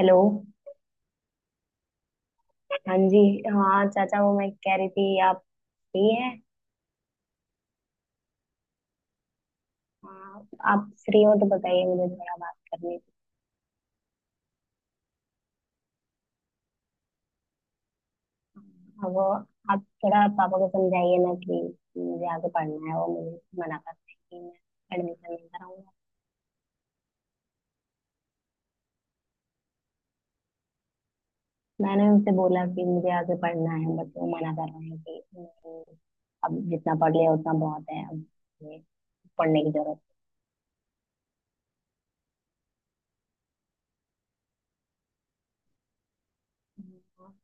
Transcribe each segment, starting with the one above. Hello. हाँ जी। हाँ चाचा, वो मैं कह रही थी आप फ्री हैं? हाँ, आप फ्री हो तो बताइए, मुझे थोड़ा बात करनी थी। हाँ, वो आप थोड़ा पापा को समझाइए ना कि मुझे आगे पढ़ना है। वो मुझे मना करते हैं कि मैं एडमिशन नहीं कराऊंगा। मैंने उनसे बोला कि मुझे आगे पढ़ना है बट वो मना कर रहे हैं कि नहीं, अब जितना पढ़ लिया उतना बहुत है। अब ये पढ़ने की जरूरत नहीं।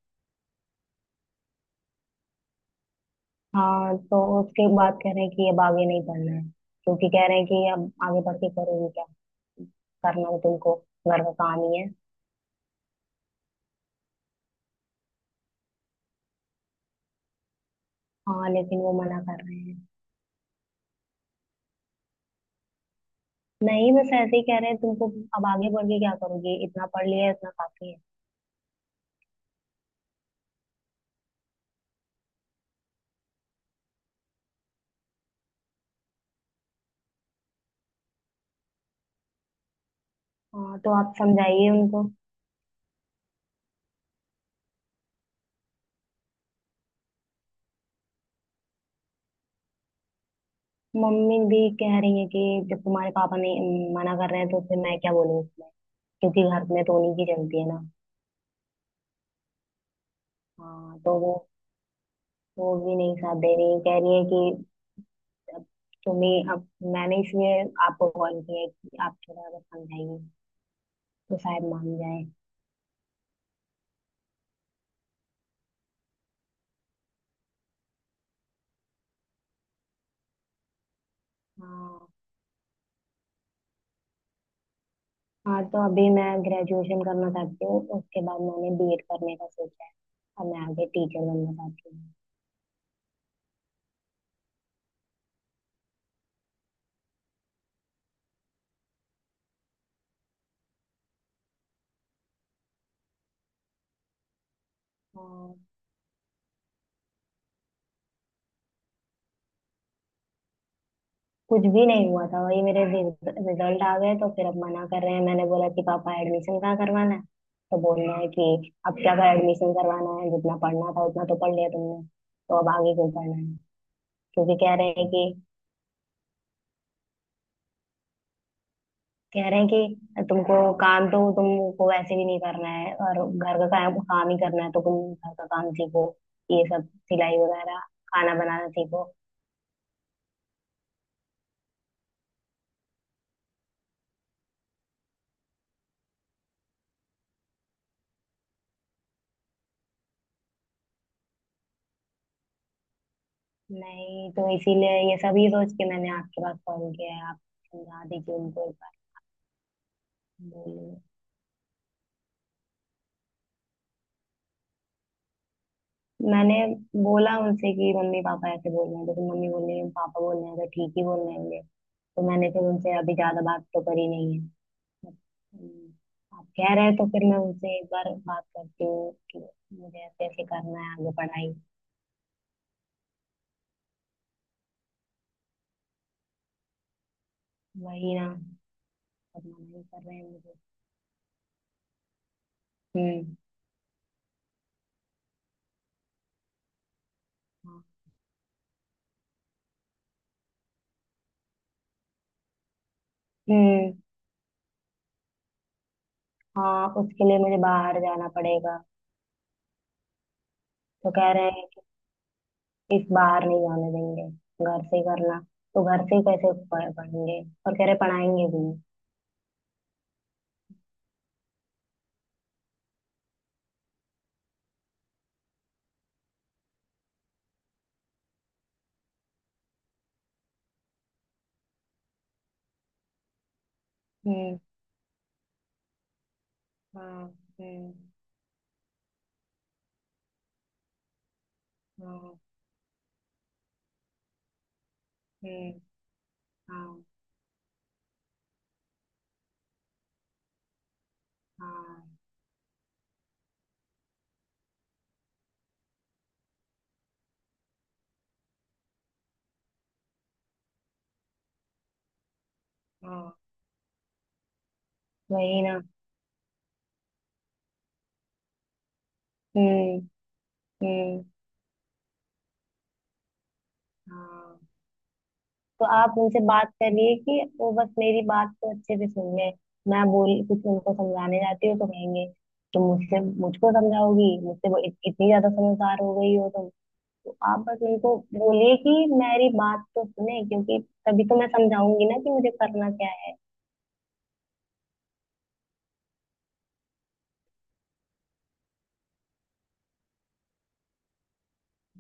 हाँ, तो उसके बाद कह रहे हैं कि अब आगे नहीं पढ़ना है। क्योंकि कह रहे हैं कि अब आगे पढ़ के करोगे क्या, करना तो तुमको घर का काम ही है। हाँ, लेकिन वो मना कर रहे हैं। नहीं, बस ऐसे ही कह रहे हैं, तुमको अब आगे पढ़ के क्या करोगे, इतना पढ़ लिया है, इतना काफी है। हाँ, तो आप समझाइए उनको। मम्मी भी कह रही है कि जब तुम्हारे पापा ने मना कर रहे हैं तो फिर मैं क्या बोलूँ उसमें, क्योंकि घर में तो उन्हीं की चलती है ना। हाँ, तो वो भी नहीं साथ दे रही है, कह रही है कि। तो मैं अब, मैंने इसलिए आपको कॉल किया है कि आप थोड़ा अगर समझाइए तो शायद मान जाए। हाँ। हाँ, तो अभी मैं ग्रेजुएशन करना चाहती हूँ, उसके बाद मैंने बीएड करने का सोचा है। और मैं आगे टीचर बनना चाहती हूँ। हाँ, कुछ भी नहीं हुआ था, वही मेरे रिजल्ट आ गए तो फिर अब मना कर रहे हैं। मैंने बोला कि पापा एडमिशन कहाँ करवाना है। तो बोल रहे हैं कि अब क्या कर एडमिशन करवाना है, जितना पढ़ना था उतना तो पढ़ लिया तुमने, तो अब आगे क्यों पढ़ना है। क्योंकि कह रहे हैं कि तुमको काम तो तुमको वैसे भी नहीं करना है, और घर का काम काम ही करना है तो तुम घर का काम सीखो, ये सब सिलाई वगैरह, खाना बनाना सीखो। नहीं, तो इसीलिए ये सब ही सोच के मैंने आपके पास कॉल किया है, आप समझा दीजिए उनको एक बार। बोलिए। मैंने बोला उनसे कि मम्मी पापा ऐसे बोल रहे हैं, तो फिर मम्मी बोल रही है पापा बोल रहे हैं तो ठीक ही बोल रहे होंगे। तो मैंने फिर उनसे अभी ज्यादा बात तो करी नहीं है। हम्म। आप कह रहे हैं तो फिर मैं उनसे एक बार बात करती हूँ कि मुझे ऐसे ऐसे करना है आगे पढ़ाई। वही ना, सब मना ही कर रहे हैं मुझे। हम्म। हाँ। हम्म। हाँ, उसके लिए मुझे बाहर जाना पड़ेगा। तो कह रहे हैं कि इस बाहर नहीं जाने देंगे, घर से ही करना। तो घर से ही कैसे पढ़ेंगे, और कह रहे पढ़ाएंगे भी। हम्म। हाँ। हम्म। हाँ। हम्म। हाँ। हाँ। हाँ, वही ना। हम्म। हम्म। हाँ, तो आप उनसे बात करिए कि वो बस मेरी बात को अच्छे से सुन ले। मैं बोल कुछ उनको समझाने जाती हूँ तो कहेंगे, तुम मुझसे मुझको समझाओगी, मुझसे वो इतनी ज्यादा समझदार हो गई हो तुम? तो आप बस उनको बोलिए कि मेरी बात तो सुने, क्योंकि तभी तो मैं समझाऊंगी ना कि मुझे करना क्या है।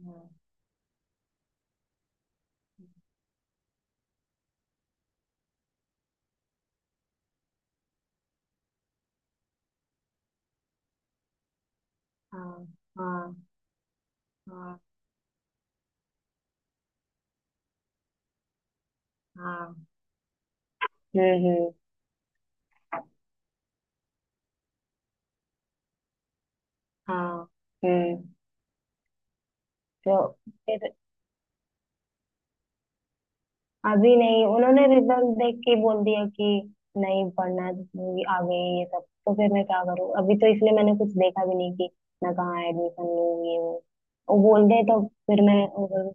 हाँ। हाँ। हाँ। हाँ। हाँ। हम्म। हम्म। हाँ। हम्म। तो फिर अभी नहीं, उन्होंने रिजल्ट देख के बोल दिया कि नहीं पढ़ना है, ये आ गई ये सब, तो फिर मैं क्या करूँ अभी, तो इसलिए मैंने कुछ देखा भी नहीं कि मैं कहाँ एडमिशन लूँ ये वो। वो बोल दे तो फिर मैं करूँ।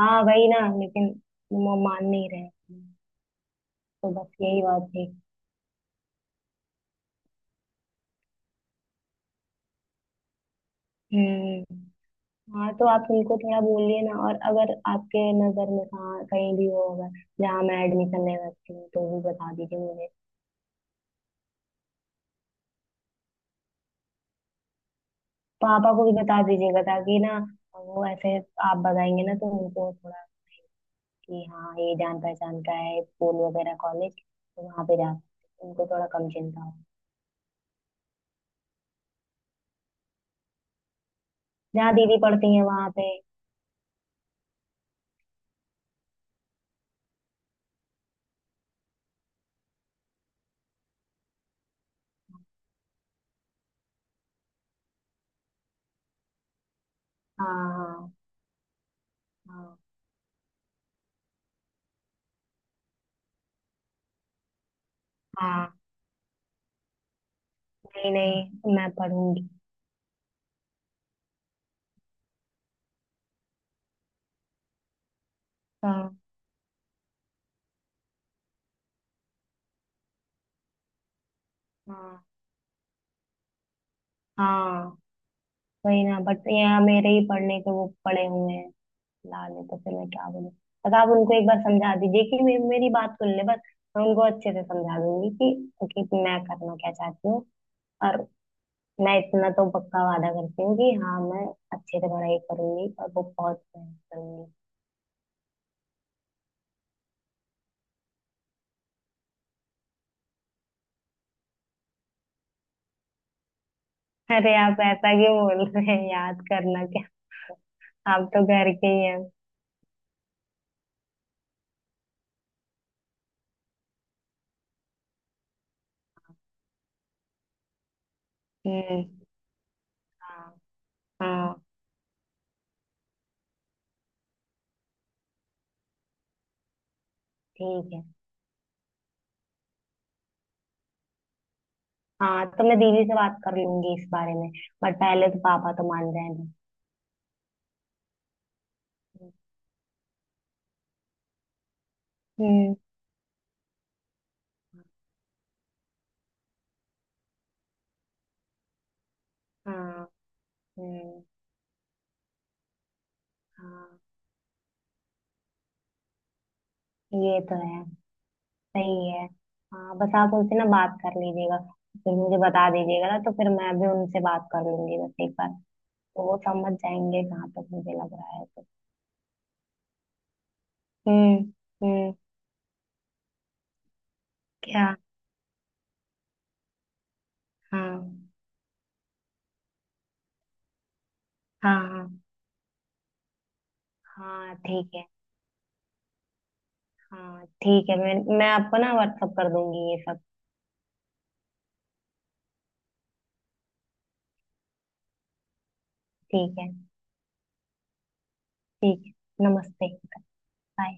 हाँ, वही ना, लेकिन वो मान नहीं रहे, तो बस यही बात थी। हम्म। हाँ, तो आप उनको थोड़ा बोलिए ना, और अगर आपके नजर में कहाँ कहीं भी वो होगा जहाँ मैं एडमिशन ले सकती हूँ तो भी बता दीजिए मुझे। पापा को भी बता दीजिएगा, ताकि ना वो ऐसे। आप बताएंगे ना तो उनको थोड़ा कि हाँ, ये जान पहचान का है स्कूल वगैरह कॉलेज तो वहाँ पे जा सकते हैं। उनको थोड़ा कम चिंता हो। जहाँ दीदी पढ़ती है वहाँ पे। हाँ। हाँ। हाँ। हाँ। नहीं नहीं, मैं पढ़ूंगी। हाँ। हाँ। हाँ, वही ना, बट यहाँ मेरे ही पढ़ने के वो पड़े हुए हैं लाले, तो फिर मैं क्या बोलूँ। बस आप उनको एक बार समझा दीजिए कि मेरी बात सुन ले बस। मैं उनको अच्छे से समझा दूंगी कि मैं करना क्या चाहती हूँ। और मैं इतना तो पक्का वादा करती हूँ कि हाँ, मैं अच्छे से पढ़ाई करूंगी और वो बहुत मेहनत करूंगी। अरे, आप ऐसा क्यों बोल रहे हैं? याद करना क्या, आप तो घर के ही हैं। हम्म। हाँ। हाँ ठीक है। हाँ, तो मैं दीदी से बात कर लूंगी इस बारे में। बट पहले तो पापा तो मान रहे हैं। हम्म। हाँ। हम्म। हाँ, ये तो है। सही है। हाँ, बस आप उनसे ना बात कर लीजिएगा। फिर मुझे बता दीजिएगा ना, तो फिर मैं भी उनसे बात कर लूंगी बस एक बार। तो वो समझ जाएंगे जहां तक मुझे लग रहा है तो। हम्म। हम्म। क्या? हाँ। हाँ। हाँ। हाँ ठीक है। हाँ ठीक है, मैं आपको ना व्हाट्सअप कर दूंगी ये सब। ठीक है। ठीक है, नमस्ते। बाय।